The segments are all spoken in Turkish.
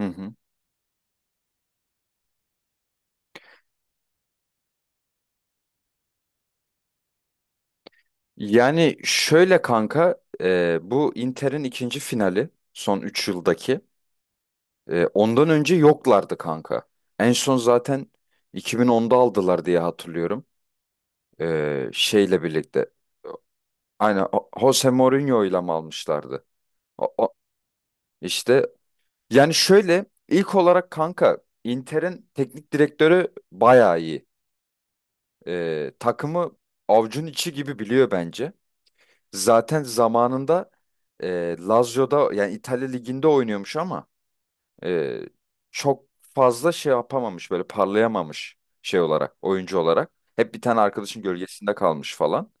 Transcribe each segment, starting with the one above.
Hı hı. Yani şöyle kanka bu Inter'in ikinci finali son 3 yıldaki. Ondan önce yoklardı kanka. En son zaten 2010'da aldılar diye hatırlıyorum. Şeyle birlikte. Aynen Jose Mourinho ile mi almışlardı? O, o- işte yani şöyle ilk olarak kanka Inter'in teknik direktörü bayağı iyi. Takımı avucun içi gibi biliyor bence. Zaten zamanında Lazio'da yani İtalya Ligi'nde oynuyormuş ama e, çok fazla şey yapamamış, böyle parlayamamış, şey olarak, oyuncu olarak. Hep bir tane arkadaşın gölgesinde kalmış falan.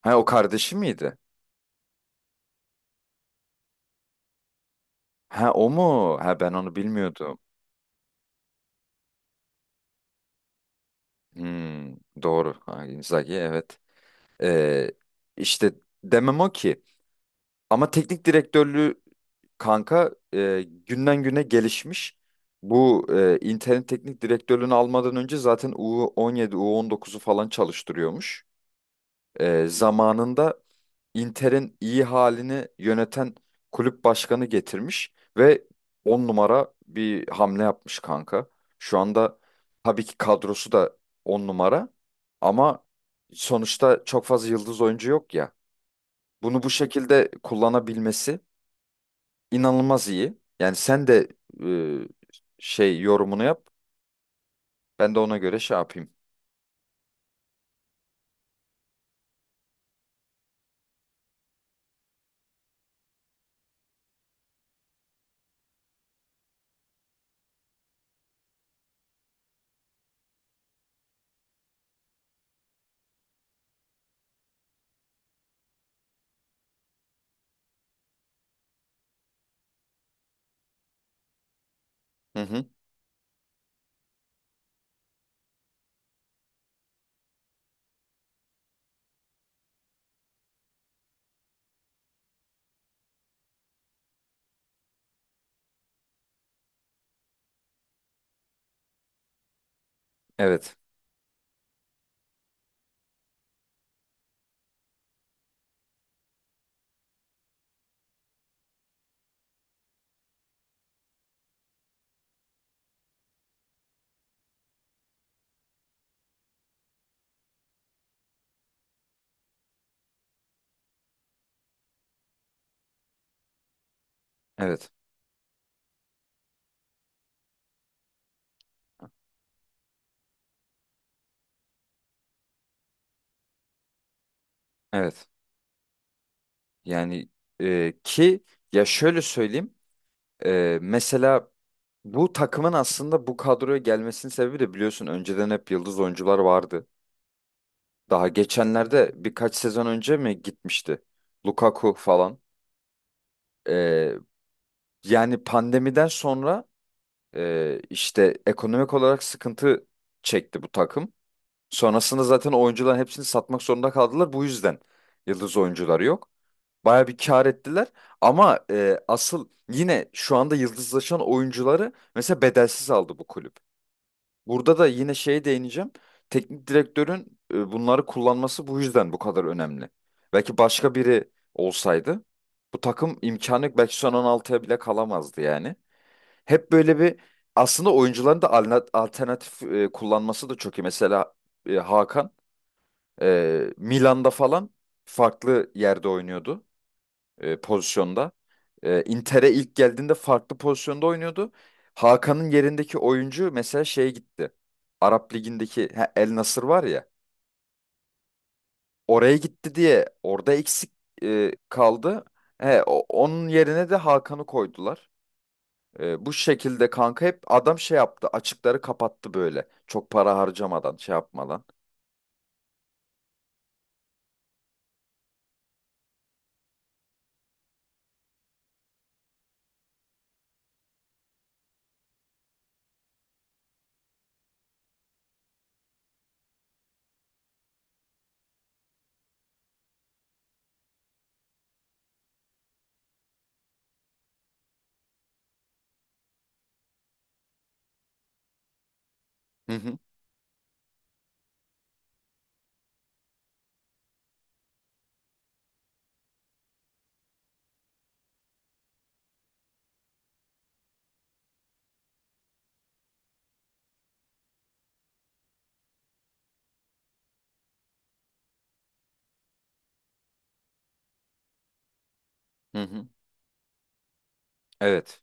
Ha, o kardeşi miydi? Ha, o mu? Ha, ben onu bilmiyordum. Hmm, doğru. Ha, Inzaghi evet. E, işte demem o ki. Ama teknik direktörlüğü kanka günden güne gelişmiş. Bu internet teknik direktörlüğünü almadan önce zaten U17, U19'u falan çalıştırıyormuş. Zamanında Inter'in iyi halini yöneten kulüp başkanı getirmiş ve 10 numara bir hamle yapmış kanka. Şu anda tabii ki kadrosu da 10 numara, ama sonuçta çok fazla yıldız oyuncu yok ya. Bunu bu şekilde kullanabilmesi inanılmaz iyi. Yani sen de e, şey yorumunu yap. Ben de ona göre şey yapayım. Hı hı. Evet. Evet. Evet. Yani ki ya şöyle söyleyeyim. Mesela bu takımın aslında bu kadroya gelmesinin sebebi de, biliyorsun, önceden hep yıldız oyuncular vardı. Daha geçenlerde birkaç sezon önce mi gitmişti? Lukaku falan. E, yani pandemiden sonra işte ekonomik olarak sıkıntı çekti bu takım. Sonrasında zaten oyuncuların hepsini satmak zorunda kaldılar. Bu yüzden yıldız oyuncuları yok. Baya bir kar ettiler. Ama asıl yine şu anda yıldızlaşan oyuncuları mesela bedelsiz aldı bu kulüp. Burada da yine şeye değineceğim. Teknik direktörün bunları kullanması bu yüzden bu kadar önemli. Belki başka biri olsaydı bu takım imkanı yok, belki son 16'ya bile kalamazdı yani. Hep böyle bir aslında oyuncuların da alternatif kullanması da çok iyi. Mesela Hakan Milan'da falan farklı yerde oynuyordu, pozisyonda. Inter'e ilk geldiğinde farklı pozisyonda oynuyordu. Hakan'ın yerindeki oyuncu mesela şeye gitti. Arap Ligi'ndeki, ha, El Nasır var ya. Oraya gitti diye orada eksik kaldı. He, onun yerine de Hakan'ı koydular. Bu şekilde kanka hep adam şey yaptı. Açıkları kapattı böyle. Çok para harcamadan, şey yapmadan. Hı hı. Hı hı. Evet.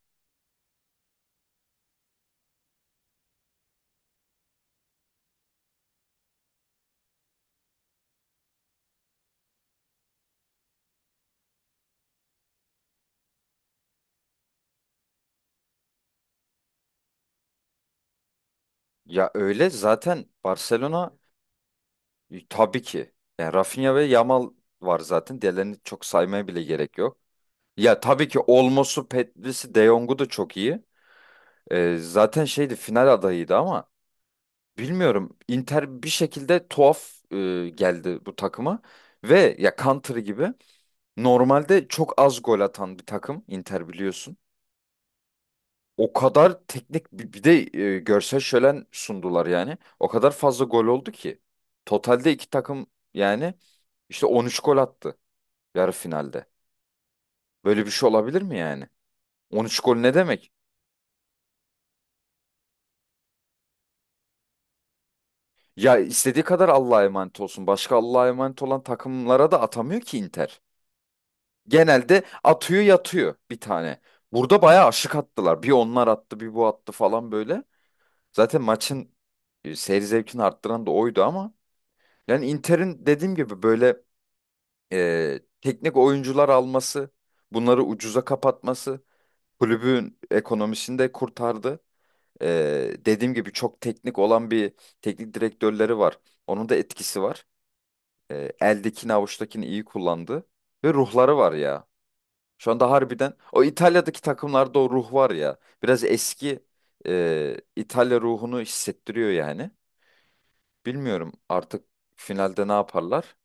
Ya öyle zaten Barcelona. Tabii ki. Yani Rafinha ve Yamal var zaten. Diğerlerini çok saymaya bile gerek yok. Ya tabii ki Olmos'u, Petris'i, De Jong'u da çok iyi. Zaten şeydi, final adayıydı ama bilmiyorum. Inter bir şekilde tuhaf geldi bu takıma. Ve ya Country gibi normalde çok az gol atan bir takım Inter, biliyorsun. O kadar teknik bir de görsel şölen sundular yani. O kadar fazla gol oldu ki. Totalde iki takım yani işte 13 gol attı. Yarı finalde. Böyle bir şey olabilir mi yani? 13 gol ne demek? Ya istediği kadar Allah'a emanet olsun. Başka Allah'a emanet olan takımlara da atamıyor ki Inter. Genelde atıyor yatıyor bir tane. Burada bayağı aşık attılar. Bir onlar attı, bir bu attı falan böyle. Zaten maçın seyir zevkini arttıran da oydu ama. Yani Inter'in dediğim gibi böyle teknik oyuncular alması, bunları ucuza kapatması kulübün ekonomisini de kurtardı. Dediğim gibi çok teknik olan bir teknik direktörleri var. Onun da etkisi var. Eldekini avuçtakini iyi kullandı. Ve ruhları var ya. Şu anda harbiden o İtalya'daki takımlarda o ruh var ya. Biraz eski İtalya ruhunu hissettiriyor yani. Bilmiyorum artık finalde ne yaparlar.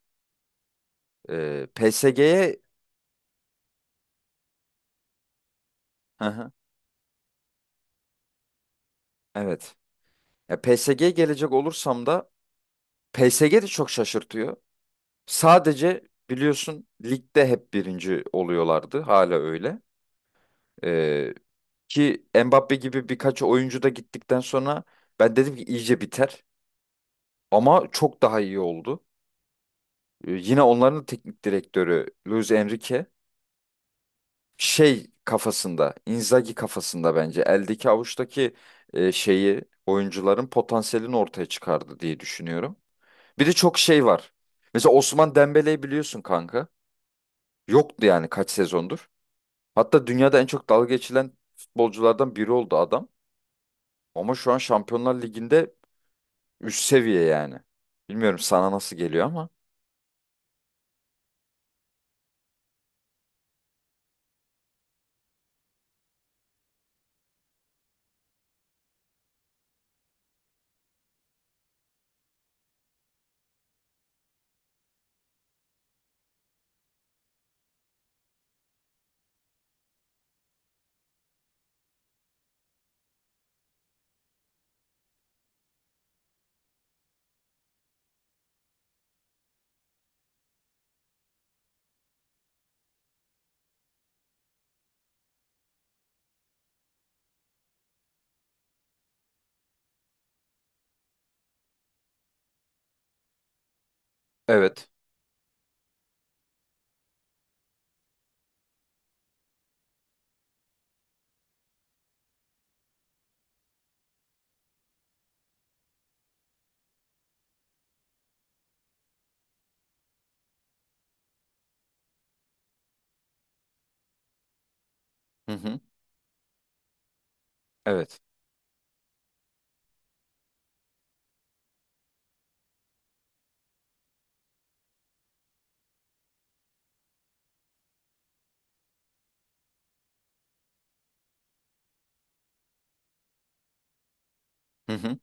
PSG'ye. Hı hı, evet. Ya PSG'ye gelecek olursam da, PSG de çok şaşırtıyor. Sadece biliyorsun ligde hep birinci oluyorlardı. Hala öyle. Ee, Ki Mbappe gibi birkaç oyuncu da gittikten sonra ben dedim ki iyice biter. Ama çok daha iyi oldu. Yine onların teknik direktörü Luis Enrique şey kafasında, Inzaghi kafasında, bence eldeki avuçtaki şeyi, oyuncuların potansiyelini ortaya çıkardı diye düşünüyorum. Bir de çok şey var. Mesela Osman Dembele'yi biliyorsun kanka. Yoktu yani kaç sezondur. Hatta dünyada en çok dalga geçilen futbolculardan biri oldu adam. Ama şu an Şampiyonlar Ligi'nde üst seviye yani. Bilmiyorum sana nasıl geliyor ama. Evet. Hı hı. Evet. Hı hı.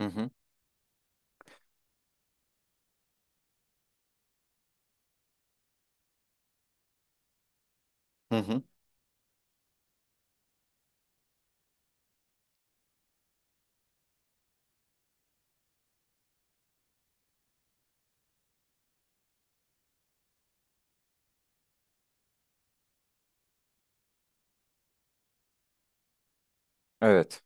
Hı hı. Hı hı. Evet.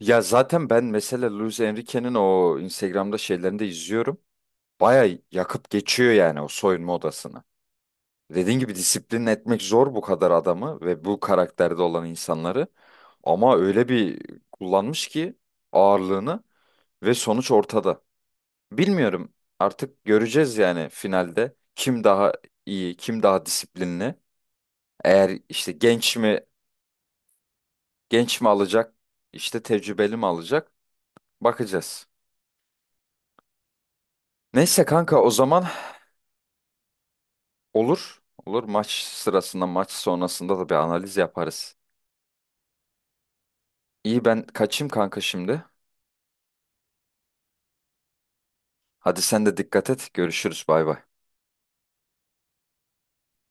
Ya zaten ben mesela Luis Enrique'nin o Instagram'da şeylerini de izliyorum. Baya yakıp geçiyor yani o soyunma odasını. Dediğin gibi disiplin etmek zor bu kadar adamı ve bu karakterde olan insanları. Ama öyle bir kullanmış ki ağırlığını, ve sonuç ortada. Bilmiyorum. Artık göreceğiz yani finalde kim daha iyi, kim daha disiplinli. Eğer işte genç mi alacak, işte tecrübeli mi alacak, bakacağız. Neyse kanka, o zaman olur. Olur, maç sırasında, maç sonrasında da bir analiz yaparız. İyi, ben kaçayım kanka şimdi. Hadi sen de dikkat et. Görüşürüz. Bay bay.